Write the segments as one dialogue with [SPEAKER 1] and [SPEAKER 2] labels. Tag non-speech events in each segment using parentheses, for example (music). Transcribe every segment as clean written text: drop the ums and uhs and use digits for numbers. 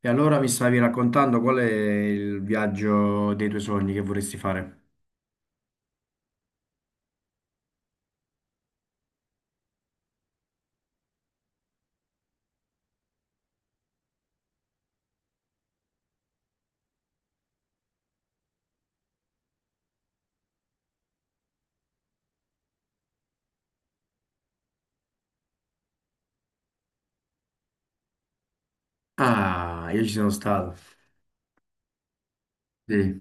[SPEAKER 1] E allora mi stavi raccontando qual è il viaggio dei tuoi sogni che vorresti fare? Ah, io ci sono stato. Sì.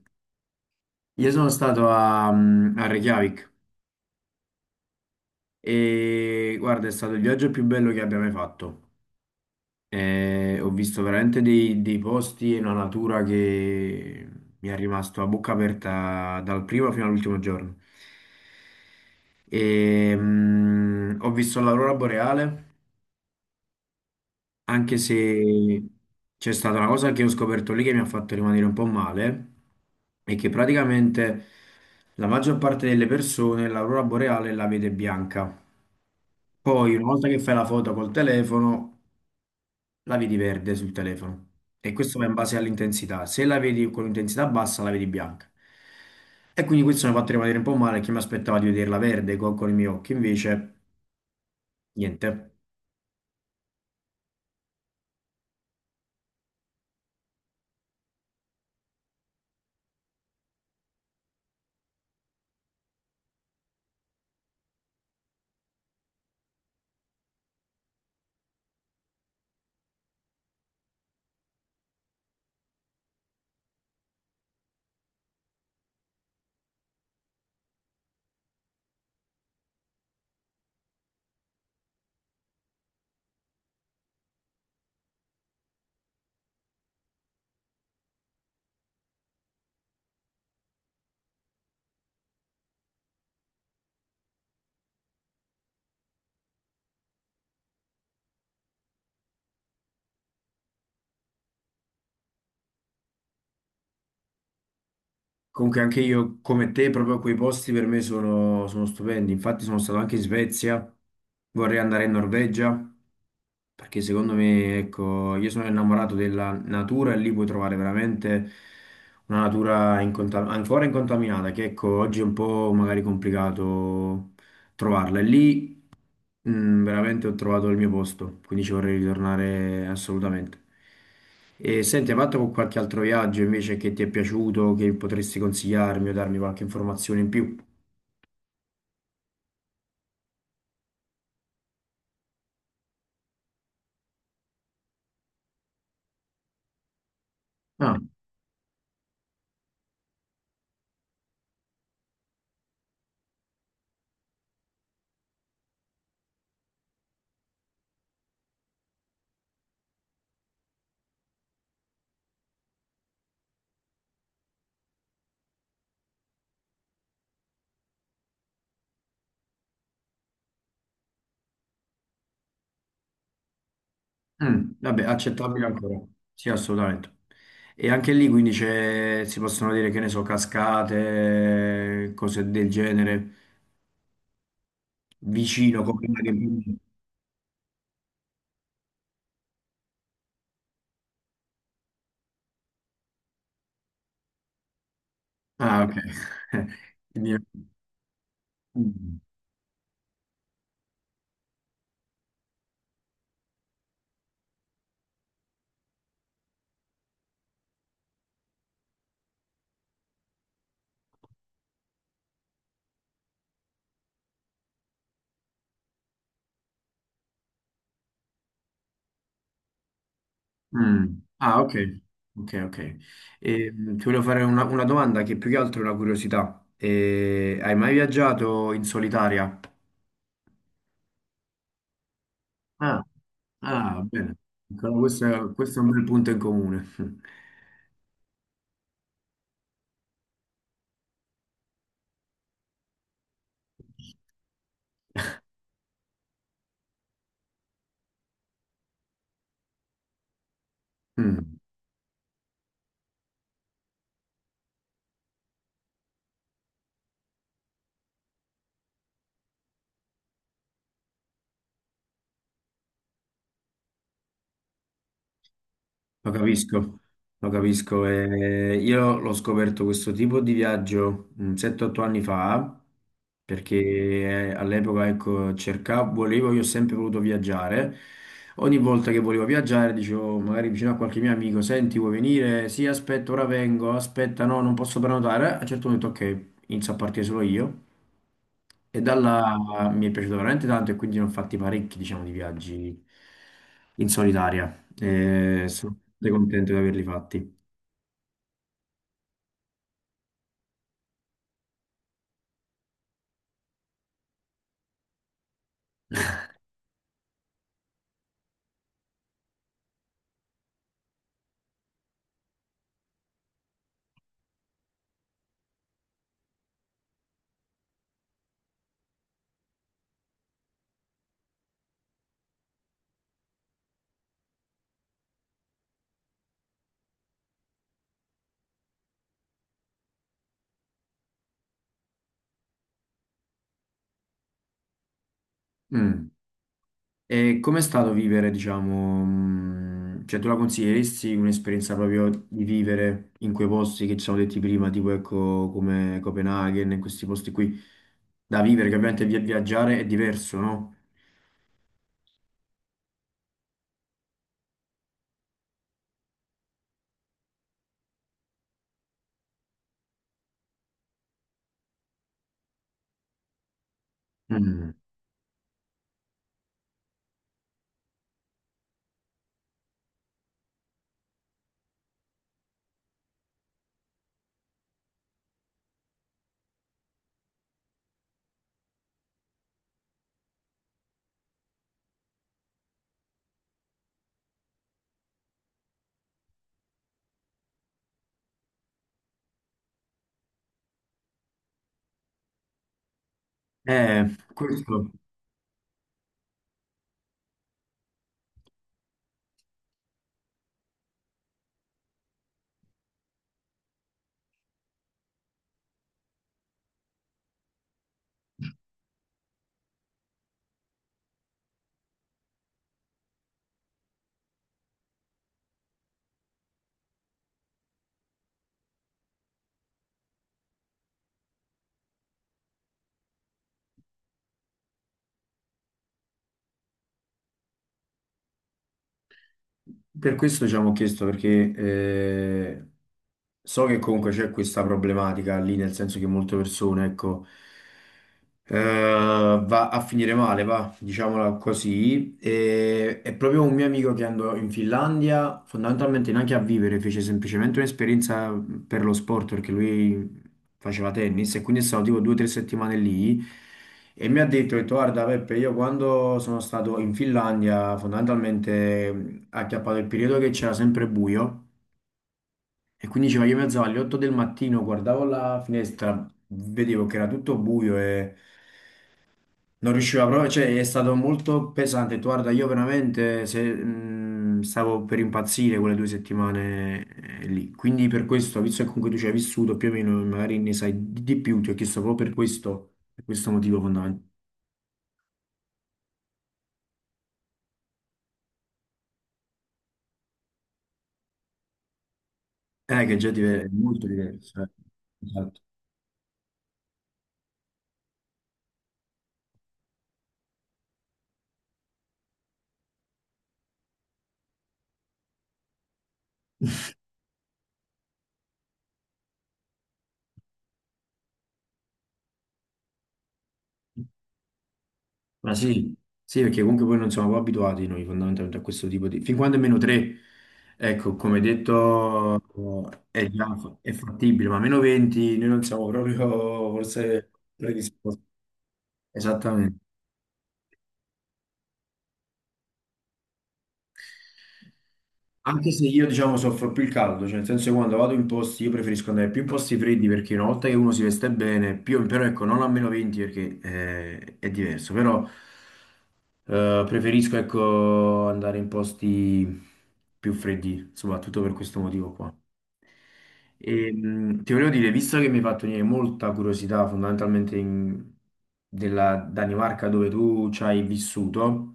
[SPEAKER 1] Io sono stato a Reykjavik e guarda, è stato il viaggio più bello che abbia mai fatto. E ho visto veramente dei posti e una natura che mi è rimasto a bocca aperta dal primo fino all'ultimo giorno. E, ho visto l'aurora boreale anche se c'è stata una cosa che ho scoperto lì che mi ha fatto rimanere un po' male, è che praticamente la maggior parte delle persone l'aurora boreale la vede bianca. Poi, una volta che fai la foto col telefono, la vedi verde sul telefono. E questo va in base all'intensità. Se la vedi con intensità bassa, la vedi bianca. E quindi questo mi ha fatto rimanere un po' male, che mi aspettava di vederla verde con, i miei occhi, invece niente. Comunque anche io, come te, proprio quei posti per me sono stupendi. Infatti sono stato anche in Svezia, vorrei andare in Norvegia, perché secondo me, ecco, io sono innamorato della natura e lì puoi trovare veramente una natura ancora incontaminata, che ecco, oggi è un po' magari complicato trovarla. E lì veramente ho trovato il mio posto, quindi ci vorrei ritornare assolutamente. E senti, hai fatto qualche altro viaggio invece che ti è piaciuto, che potresti consigliarmi o darmi qualche informazione in più? Ah, vabbè, accettabile ancora. Sì, assolutamente. E anche lì quindi si possono dire, che ne so, cascate, cose del genere, vicino, come... Ah, ok. (laughs) Quindi- Mm. Ah, ok, ok, ok. Ti volevo fare una domanda che più che altro è una curiosità. Hai mai viaggiato in solitaria? Ah, ah, bene. Allora, questo è un bel punto in comune. (laughs) Mm. Lo capisco, lo capisco. E io l'ho scoperto questo tipo di viaggio 7-8 anni fa, perché all'epoca ecco, cercavo, volevo, io ho sempre voluto viaggiare. Ogni volta che volevo viaggiare, dicevo magari vicino a qualche mio amico, senti, vuoi venire? Sì, aspetta, ora vengo, aspetta, no, non posso prenotare. A un certo punto, ok, inizio a partire solo io. E dalla mi è piaciuto veramente tanto e quindi ne ho fatti parecchi, diciamo, di viaggi in solitaria. E sono veramente contento di averli fatti. Mm. E com'è stato vivere, diciamo, cioè tu la consiglieresti un'esperienza proprio di vivere in quei posti che ci siamo detti prima, tipo ecco come Copenaghen, in questi posti qui da vivere, che ovviamente viaggiare è diverso, no? Mm. Questo. Per questo ci abbiamo chiesto perché so che comunque c'è questa problematica lì, nel senso che molte persone, ecco, va a finire male, va, diciamola così. E, è proprio un mio amico che andò in Finlandia, fondamentalmente neanche a vivere, fece semplicemente un'esperienza per lo sport, perché lui faceva tennis e quindi è stato tipo 2 o 3 settimane lì e mi ha detto, ho detto, guarda Peppe, io quando sono stato in Finlandia fondamentalmente ha acchiappato il periodo che c'era sempre buio e quindi diceva, io mi alzavo alle 8 del mattino, guardavo la finestra, vedevo che era tutto buio e... Non riuscivo a provare, cioè è stato molto pesante. Guarda, io veramente stavo per impazzire quelle 2 settimane lì. Quindi per questo, visto che comunque tu ci hai vissuto più o meno, magari ne sai di più, ti ho chiesto proprio per questo motivo fondamentale. Che già ti è molto diverso, eh. Esatto. Ma sì, sì, perché comunque poi non siamo poi abituati noi fondamentalmente a questo tipo di... Fin quando è meno 3, ecco, come detto, è, già è fattibile, ma meno 20 noi non siamo proprio forse predisposti. Esattamente. Anche se io, diciamo, soffro più il caldo, cioè nel senso che quando vado in posti, io preferisco andare più in posti freddi perché una volta che uno si veste bene, più, però ecco, non a meno 20 perché è diverso, però preferisco, ecco, andare in posti più freddi, soprattutto per questo motivo qua. E, ti volevo dire, visto che mi hai fatto venire molta curiosità fondamentalmente della Danimarca dove tu ci hai vissuto,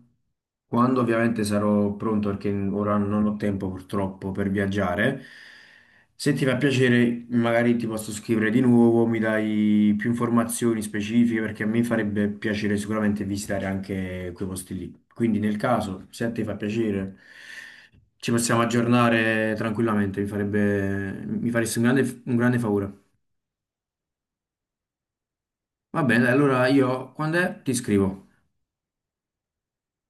[SPEAKER 1] quando ovviamente sarò pronto, perché ora non ho tempo purtroppo per viaggiare, se ti fa piacere magari ti posso scrivere di nuovo, mi dai più informazioni specifiche perché a me farebbe piacere sicuramente visitare anche quei posti lì. Quindi nel caso, se a te fa piacere... Ci possiamo aggiornare tranquillamente, mi faresti un grande favore. Va bene, dai, allora io quando è ti scrivo.